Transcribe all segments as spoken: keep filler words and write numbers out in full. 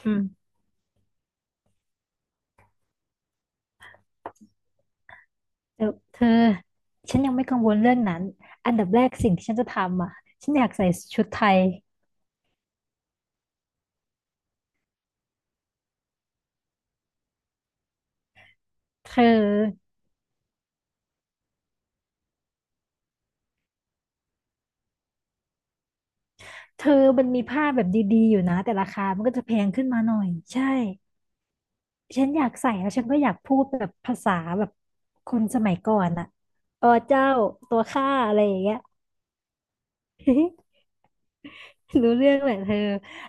อืมเดี๋ยวเธอ ฉันยังไม่กังวลเรื่องนั้นอันดับแรกสิ่งที่ฉันจะทำอ่ะฉันอยากใส่ชุดไทย เธอ เธอมันมีผ้าแบบดีๆอยู่นะแต่ราคามันก็จะแพงขึ้นมาหน่อยใช่ ฉันอยากใส่แล้วฉันก็อยากพูดแบบภาษาแบบคนสมัยก่อนอ่ะอ๋อเจ้าตัวข้าอะไรอย่างเงี้ย รู้เรื่องแหละเธอ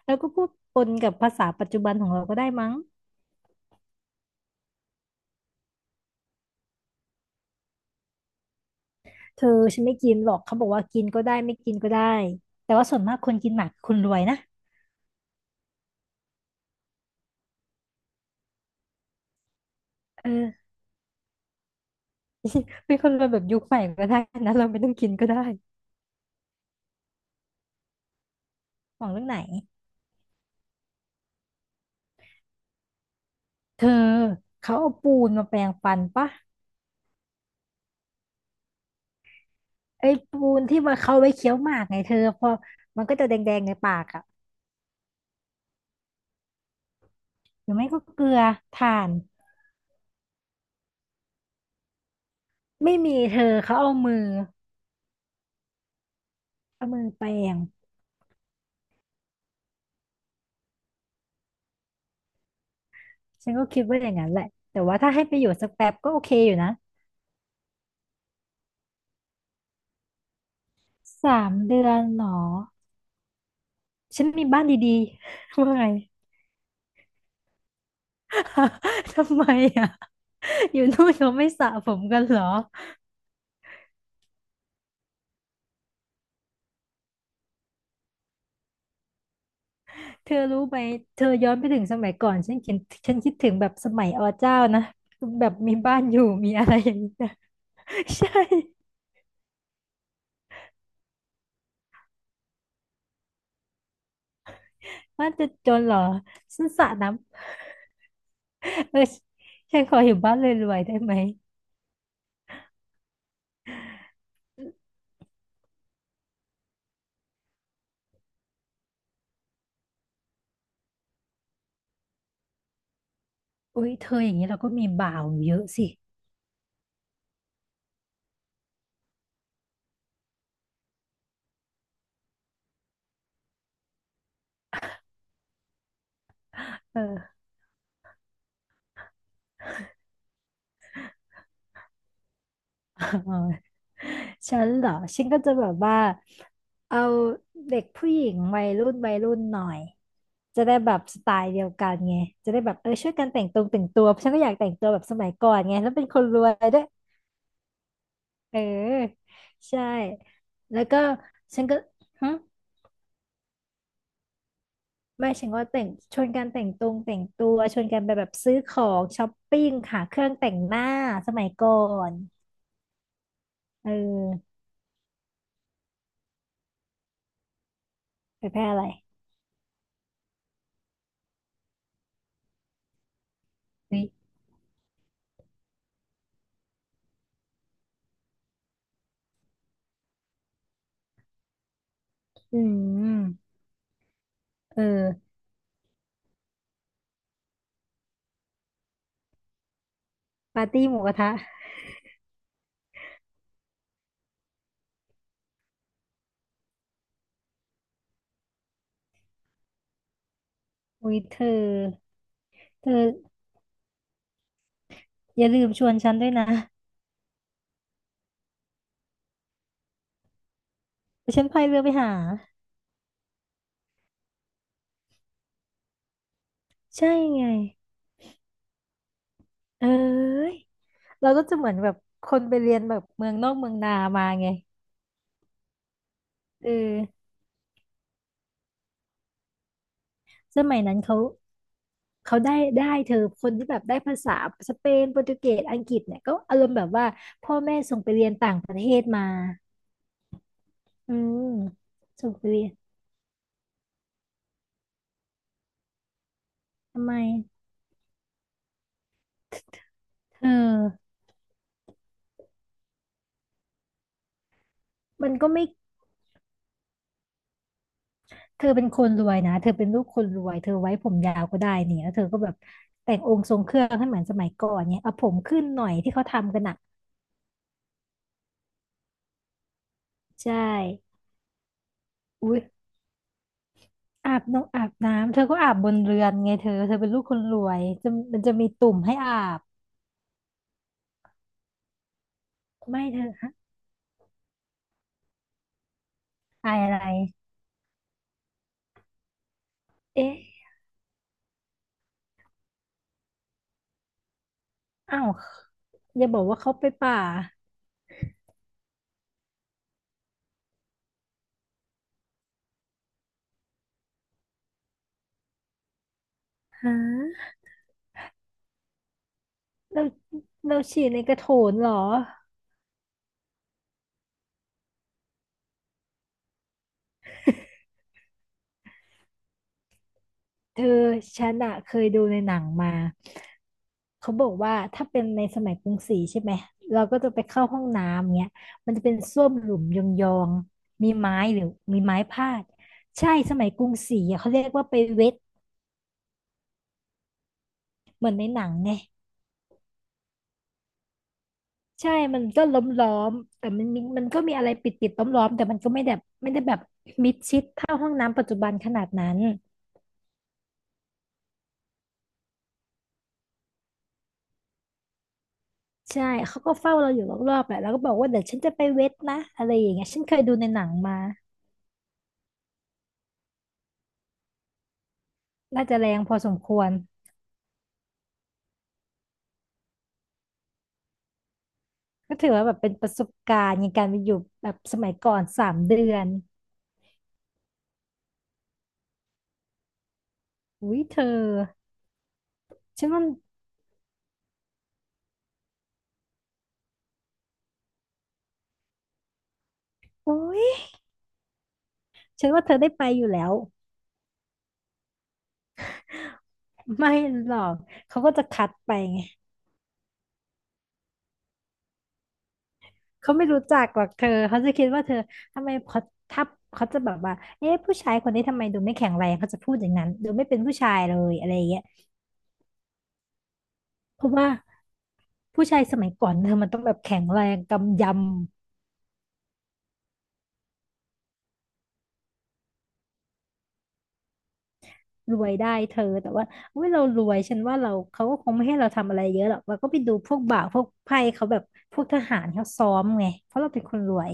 แล้วก็พูดปนกับภาษาปัจจุบันของเราก็ได้มั้งเธอฉันไม่กินหรอกเขาบอกว่ากินก็ได้ไม่กินก็ได้แต่ว่าส่วนมากคนกินหมากคือคนรวยนะ เออเป็นคนเรวแบบยุคใหม่ก็ได้นะเราไม่ต้องกินก็ได้หวังเรื่องไหนเธอเขาเอาปูนมาแปรงฟันปะไอ้ปูนที่มาเขาไว้เคี้ยวหมากไงเธอพอมันก็จะแดงๆในปากอ่ะหรือไม่ก็เกลือถ่านไม่มีเธอเขาเอามือเอามือแปรงฉันก็คิดว่าอย่างนั้นแหละแต่ว่าถ้าให้ไปอยู่สักแป๊บก็โอเคอยู่นะสามเดือนหนอฉันมีบ้านดีๆ ว่าไง ทำไมอ่ะอยู่นู่นเขาไม่สระผมกันเหรอ เธอรู้ไหมเธอย้อนไปถึงสมัยก่อนฉันเขียนฉันคิดถึงแบบสมัยอเจ้านะแบบมีบ้านอยู่มีอะไรอย่างนี้นะ ใช่บ้านจะจนเหรอฉันสระน้ำเออฉันขออยู่บ้านรวยๆได้ไหมอุ้ยเธออย่างนี้เราก็มีบ่าวเยอะสิเออ อ๋อฉันเหรอฉันก็จะแบบว่าเอาเด็กผู้หญิงวัยรุ่นวัยรุ่นหน่อยจะได้แบบสไตล์เดียวกันไงจะได้แบบเออช่วยกันแต่งตรงแต่งตัวฉันก็อยากแต่งตัวแบบสมัยก่อนไงแล้วเป็นคนรวยด้วยเออใช่แล้วก็ฉันก็ฮึไม่ฉันว่าแต่งชวนกันแต่งตรงแต่งตัวชวนกันไปแบบซื้อของช้อปปิ้งหาเครื่องแต่งหน้าสมัยก่อนเออไปแพ้อะไรเฮ้ยอืมเออ ปาร์ตี้หมูกระทะอุ้ยเธอเธออย่าลืมชวนฉันด้วยนะเดี๋ยวฉันพายเรือไปหา ใช่ไง เอ้ยเราก็จะเหมือนแบบคนไปเรียนแบบเมืองนอกเมืองนามาไงเออสมัยนั้นเขาเขาได้ได้เธอคนที่แบบได้ภาษาสเปนโปรตุเกสอังกฤษเนี่ยก็อารมณ์แบบว่าพ่อแม่ส่งไปเรียนต่างประเทศมา อืมส่งไปเรียนทำไมเธอมันก็ไม่ เธอเป็นคนรวยนะเธอเป็นลูกคนรวยเธอไว้ผมยาวก็ได้นี่แล้วเธอก็แบบแต่งองค์ทรงเครื่องให้เหมือนสมัยก่อนเนี่ยเอาผมขึ้นหน่อยที่เขาทำกันอ่ะใช่อุ๊ยอาบน้องอาบน้ำเธอก็อาบบนเรือนไงเธอเธอเป็นลูกคนรวยจะมันจะมีตุ่มให้อาบไม่เธอฮะอายอะไรเอ๊ะอ้าวอย่าบอกว่าเขาไปป่าฮะเราเราฉี่ในกระโถนเหรอเธอฉันอะเคยดูในหนังมา เขาบอกว่าถ้าเป็นในสมัยกรุงศรีใช่ไหมเราก็จะไปเข้าห้องน้ำเงี้ยมันจะเป็นส้วมหลุมยองๆมีไม้หรือมีไม้พาดใช่สมัยกรุงศรีอะเขาเรียกว่าไปเวทเหมือนในหนังไงใช่มันก็ล้อมล้อมแต่มันมีมันก็มีอะไรปิดปิดล้อมล้อมๆแต่มันก็ไม่แบบไม่ได้แบบมิดชิดเท่าห้องน้ำปัจจุบันขนาดนั้นใช่เขาก็เฝ้าเราอยู่รอบๆแหละแล้วก็บอกว่าเดี๋ยวฉันจะไปเวทนะอะไรอย่างเงี้ยฉันเคยดูในหนังมาน่าจะแรงพอสมควร ก็ถือว่าแบบเป็นประสบการณ์ในการไปอยู่แบบสมัยก่อนสามเดือนอุ้ยเธอฉันว่าอุ้ยฉันว่าเธอได้ไปอยู่แล้วไม่หรอกเขาก็จะคัดไปไงเขาไม่รู้จักหรอกเธอเขาจะคิดว่าเธอทำไมเขาทับเขาจะแบบว่าเอ๊ะผู้ชายคนนี้ทำไมดูไม่แข็งแรงเขาจะพูดอย่างนั้นดูไม่เป็นผู้ชายเลยอะไรอย่างเงี้ยเพราะว่าผู้ชายสมัยก่อนเธอมันต้องแบบแข็งแรงกำย รวยได้เธอแต่ว่าอุ้ยเรารวยฉันว่าเราเขาก็คงไม่ให้เราทำอะไรเยอะหรอกเราก็ไปดูพวกบ่าวพวกไพ่เขาแบบพวกทหารเขาซ้อมไงเพราะเราเป็นคนรวย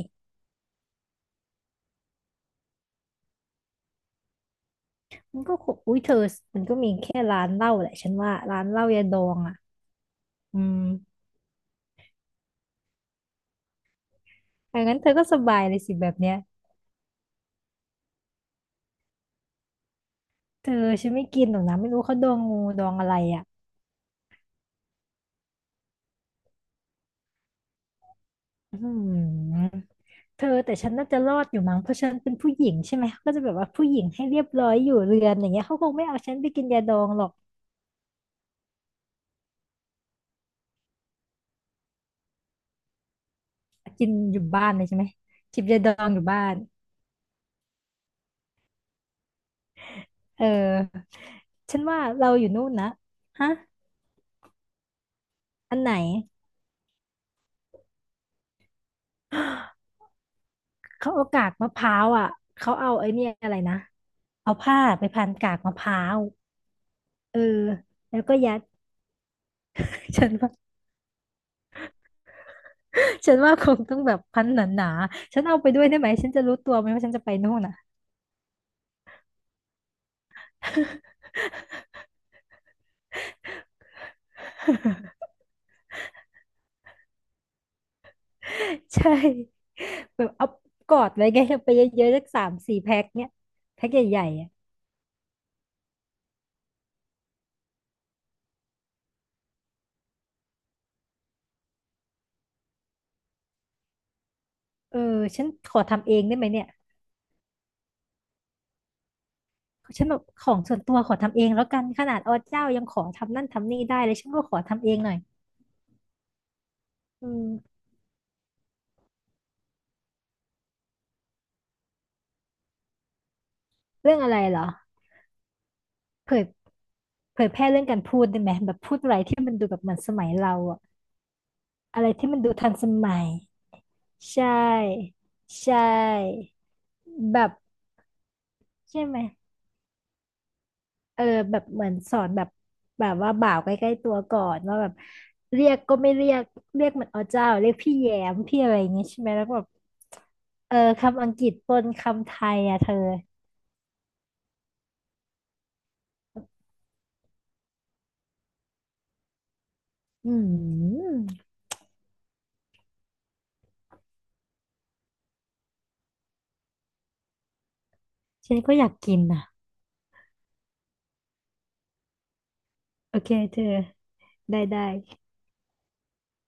มันก็คงอุ้ยเธอมันก็มีแค่ร้านเหล้าแหละฉันว่าร้านเหล้ายาดองอ่ะอืมอย่างนั้นเธอก็สบายเลยสิแบบเนี้ยเธอฉันไม่กินหรอกนะไม่รู้เขาดองงูดองอะไรอ่ะอืมเธอแต่ฉันน่าจะรอดอยู่มั้งเพราะฉันเป็นผู้หญิงใช่ไหมก็จะแบบว่าผู้หญิงให้เรียบร้อยอยู่เรือนอย่างเงี้ยเขาคงไม่เอาฉันไปกินยาดองหรอก กินอยู่บ้านเลยใช่ไหมจิบยาดองอยู่บ้านเออฉันว่าเราอยู่นู่นนะฮะอันไหนเขาเอากากมะพร้าวอ่ะเขาเอาไอ้เนี่ยอะไรนะเอาผ้าไปพันกากมะพร้าวเออแล้วก็ยัด ฉันว่าฉันว่าคงต้องแบบพันหนาๆฉันเอาไปด้วยได้ไหมฉันจะรู้ตัวไหมว่าฉันจะไปนู่นอ่ะ ใช่แบบเอากอดไว้ไงเอาไปเยอะๆสักสามสี่แพ็คเนี่ยแพ็คใหญ่ๆอ่ะเออฉันขอทำเองได้ไหมเนี่ย ฉันแบบของส่วนตัวขอทำเองแล้วกันขนาดอเจ้ายังขอทำนั่นทำนี่ได้เลยฉันก็ขอทำเองหน่อยอืมเรื่องอะไรเหรอเผยเผยแพร่เรื่องการพูดได้ไหมแบบพูดอะไรที่มันดูแบบเหมือนสมัยเราอะอะไรที่มันดูทันสมัยใช่ใช่แบบใช่ไหมเออแบบเหมือนสอนแบบแบบว่าบ่าวใกล้ๆตัวก่อนว่าแบบเรียกก็ไม่เรียกเรียกเหมือนอ๋อเจ้าเรียกพี่แยมพี่อะไรอย่างเงี้ยใช่ไหมแล้วก็แบบเออคำอังกฤษปนคำไทยอ่ะเธอ อืมฉันก็อยากกินอ่ะโอเคเธอได้ได้